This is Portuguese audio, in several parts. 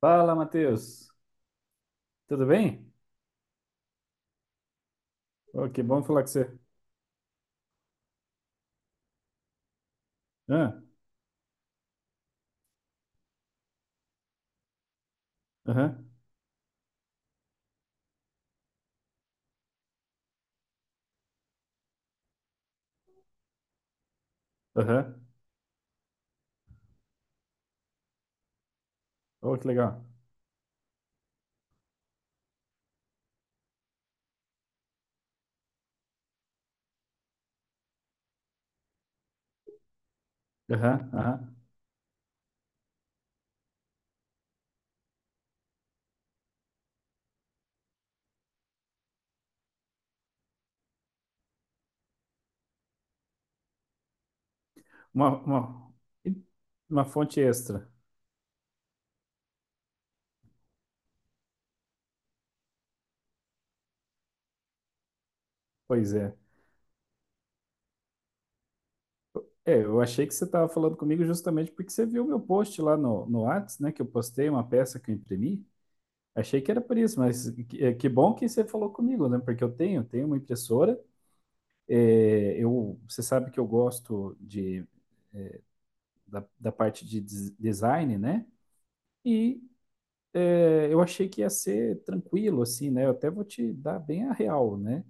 Fala, Matheus. Tudo bem? Oh, que bom falar com você. Ah, aham, aham. Oh, que legal. Aham, aham. Uma, uma, uma fonte extra. Pois é. É, eu achei que você estava falando comigo justamente porque você viu meu post lá no Whats, né? Que eu postei uma peça que eu imprimi. Achei que era por isso, mas que, é, que bom que você falou comigo, né? Porque eu tenho, tenho uma impressora. É, eu, você sabe que eu gosto de, da parte de design, né? E é, eu achei que ia ser tranquilo, assim, né? Eu até vou te dar bem a real, né?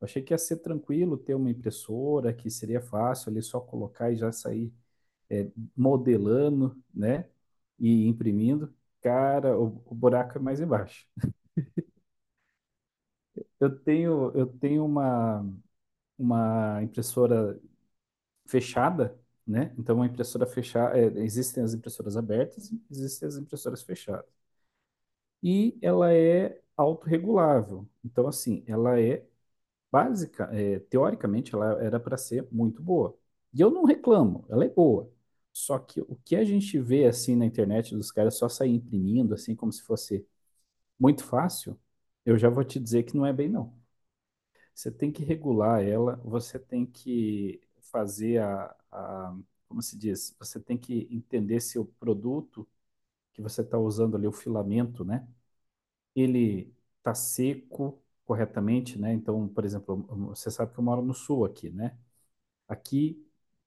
Eu achei que ia ser tranquilo ter uma impressora, que seria fácil ali só colocar e já sair é, modelando, né? E imprimindo. Cara, o buraco é mais embaixo. Eu tenho uma impressora fechada, né? Então, uma impressora fechada, existem as impressoras abertas, existem as impressoras fechadas. E ela é autorregulável. Então, assim, ela é básica, é, teoricamente, ela era para ser muito boa. E eu não reclamo, ela é boa. Só que o que a gente vê assim na internet dos caras só sair imprimindo, assim, como se fosse muito fácil, eu já vou te dizer que não é bem, não. Você tem que regular ela, você tem que fazer como se diz? Você tem que entender se o produto que você está usando ali, o filamento, né? Ele está seco corretamente, né? Então, por exemplo, você sabe que eu moro no sul aqui, né? Aqui,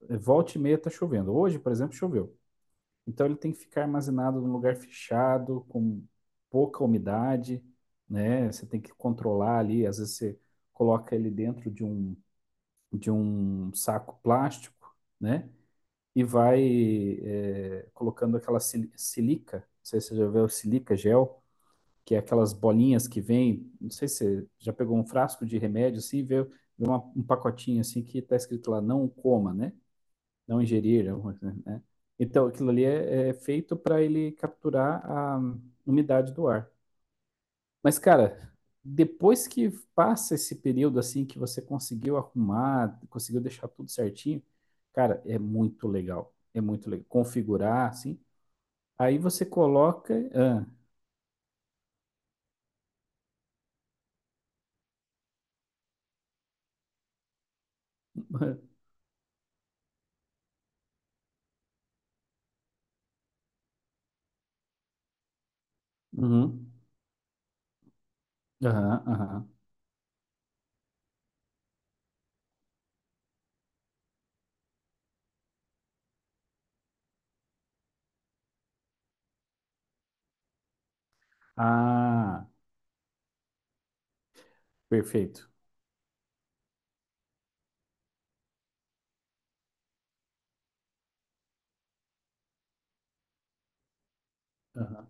volta e meia tá chovendo. Hoje, por exemplo, choveu. Então, ele tem que ficar armazenado num lugar fechado, com pouca umidade, né? Você tem que controlar ali. Às vezes, você coloca ele dentro de um saco plástico, né? E vai, colocando aquela silica. Não sei se você já viu silica gel que é aquelas bolinhas que vem. Não sei se você já pegou um frasco de remédio assim, e vê, vê um pacotinho assim que está escrito lá, não coma, né? Não ingerir, alguma coisa, né? Então, aquilo ali é, é feito para ele capturar a umidade do ar. Mas, cara, depois que passa esse período assim que você conseguiu arrumar, conseguiu deixar tudo certinho, cara, é muito legal. É muito legal. Configurar, assim. Aí você coloca. Ah, uhum, aham, aham. Ah, perfeito. Aham.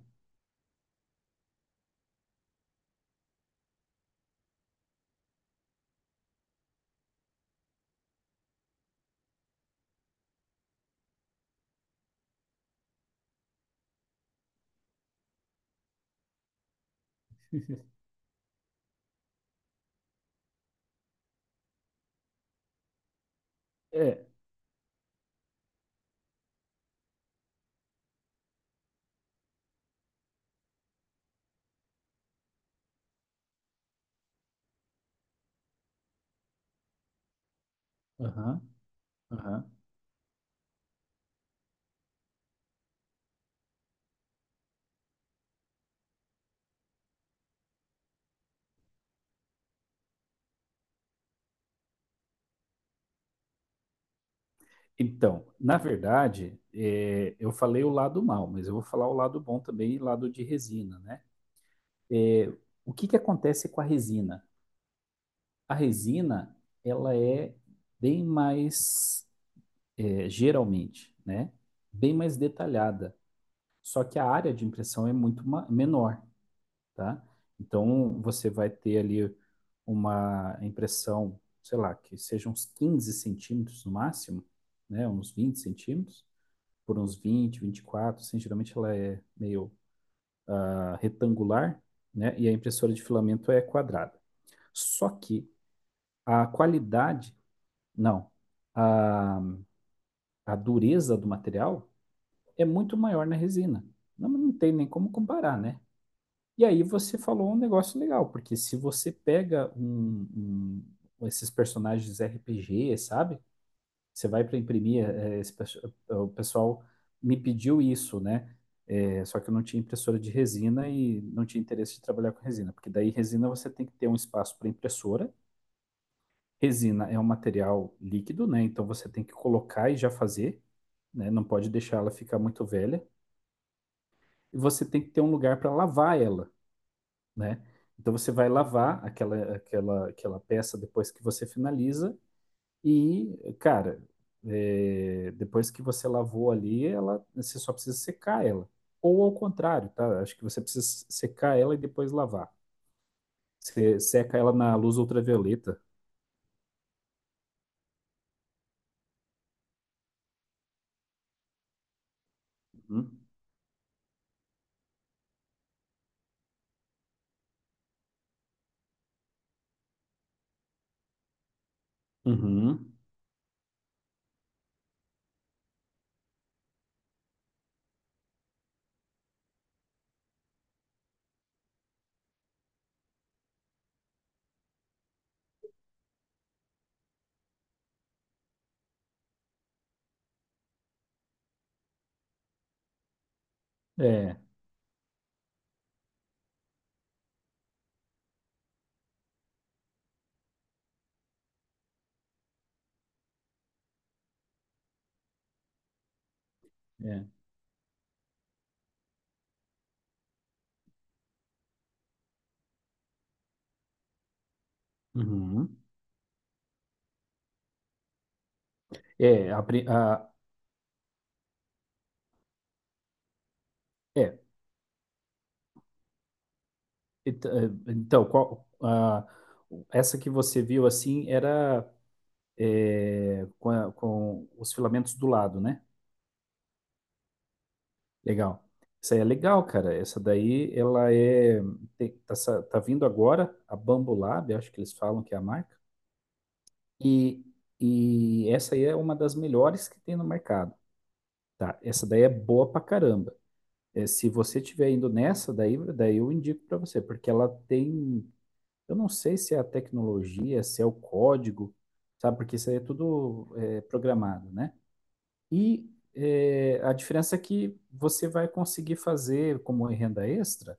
É, aham, aham. Então, na verdade, é, eu falei o lado mal, mas eu vou falar o lado bom também, e lado de resina, né? É, o que que acontece com a resina? A resina, ela é bem mais, é, geralmente, né? Bem mais detalhada. Só que a área de impressão é muito menor. Tá? Então, você vai ter ali uma impressão, sei lá, que seja uns 15 centímetros no máximo, né? Uns 20 centímetros, por uns 20, 24, assim, geralmente ela é meio ah, retangular, né? E a impressora de filamento é quadrada. Só que a qualidade, não, a, a dureza do material é muito maior na resina. Não tem nem como comparar, né? E aí você falou um negócio legal, porque se você pega um, esses personagens RPG, sabe? Você vai para imprimir, é, o pessoal me pediu isso, né? É, só que eu não tinha impressora de resina e não tinha interesse de trabalhar com resina, porque daí resina você tem que ter um espaço para impressora. Resina é um material líquido, né? Então você tem que colocar e já fazer, né? Não pode deixar ela ficar muito velha. E você tem que ter um lugar para lavar ela. Né? Então você vai lavar aquela peça depois que você finaliza e, cara, é, depois que você lavou ali, ela, você só precisa secar ela. Ou ao contrário, tá? Acho que você precisa secar ela e depois lavar. Você seca ela na luz ultravioleta. Uhum. Uhum. É, é. Uhum. É, é. Então, qual, essa que você viu assim era é, com, com os filamentos do lado, né? Legal. Essa aí é legal, cara. Essa daí, ela é. Tá, tá vindo agora a Bambu Lab, acho que eles falam que é a marca. E, e essa aí é uma das melhores que tem no mercado, tá? Essa daí é boa pra caramba. É, se você tiver indo nessa, daí, daí eu indico pra você, porque ela tem. Eu não sei se é a tecnologia, se é o código, sabe? Porque isso aí é tudo é, programado, né? E a diferença é que você vai conseguir fazer, como em renda extra,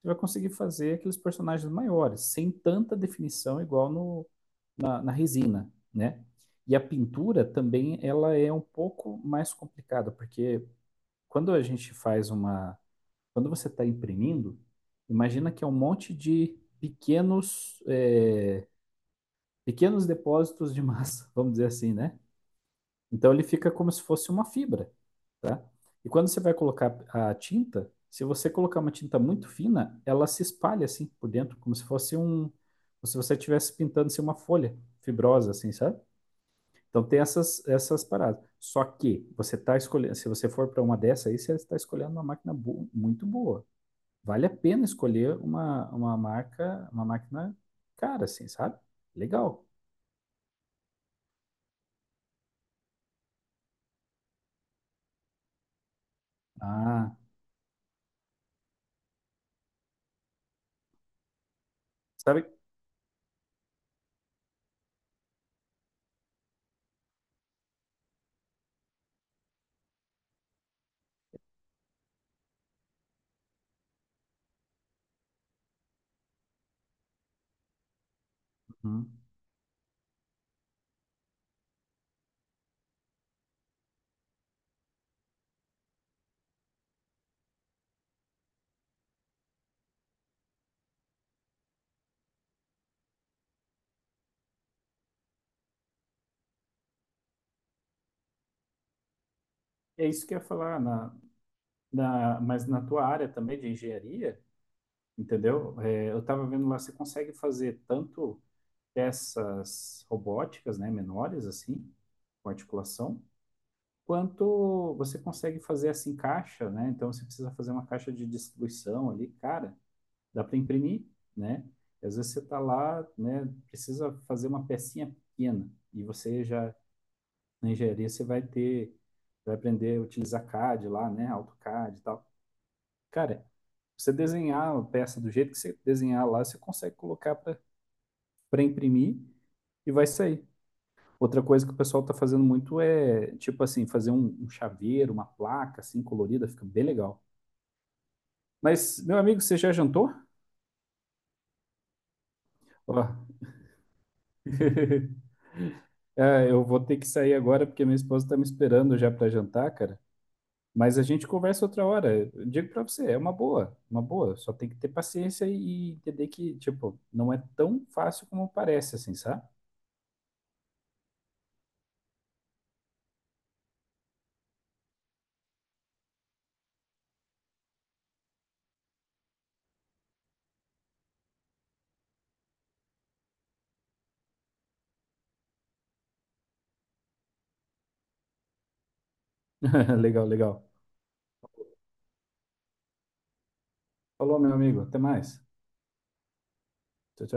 você vai conseguir fazer aqueles personagens maiores, sem tanta definição igual no, na, na resina, né? E a pintura também, ela é um pouco mais complicada, porque quando a gente faz uma... Quando você está imprimindo, imagina que é um monte de pequenos, pequenos depósitos de massa, vamos dizer assim, né? Então ele fica como se fosse uma fibra, tá? E quando você vai colocar a tinta, se você colocar uma tinta muito fina, ela se espalha assim por dentro, como se fosse um, como se você estivesse pintando assim, uma folha fibrosa, assim, sabe? Então tem essas paradas. Só que você está escolhendo, se você for para uma dessa aí, você está escolhendo uma máquina muito boa. Vale a pena escolher uma marca, uma máquina cara, assim, sabe? Legal. Ah, sabe? Uhum. É isso que eu ia falar. Na, na, mas na tua área também de engenharia, entendeu? É, eu estava vendo lá, você consegue fazer tanto peças robóticas, né, menores assim, com articulação, quanto você consegue fazer assim caixa, né? Então você precisa fazer uma caixa de distribuição ali, cara, dá para imprimir, né? E às vezes você está lá, né, precisa fazer uma pecinha pequena e você já na engenharia você vai ter, vai aprender a utilizar CAD lá, né, AutoCAD e tal. Cara, você desenhar uma peça do jeito que você desenhar lá, você consegue colocar para imprimir e vai sair. Outra coisa que o pessoal tá fazendo muito é, tipo assim, fazer um, um chaveiro, uma placa assim colorida, fica bem legal. Mas, meu amigo, você já jantou? Ó, é, eu vou ter que sair agora porque minha esposa tá me esperando já para jantar, cara. Mas a gente conversa outra hora. Eu digo para você, é uma boa, uma boa. Só tem que ter paciência e entender que, tipo, não é tão fácil como parece, assim, sabe? Legal, legal. Falou, meu amigo. Até mais. Tchau, tchau.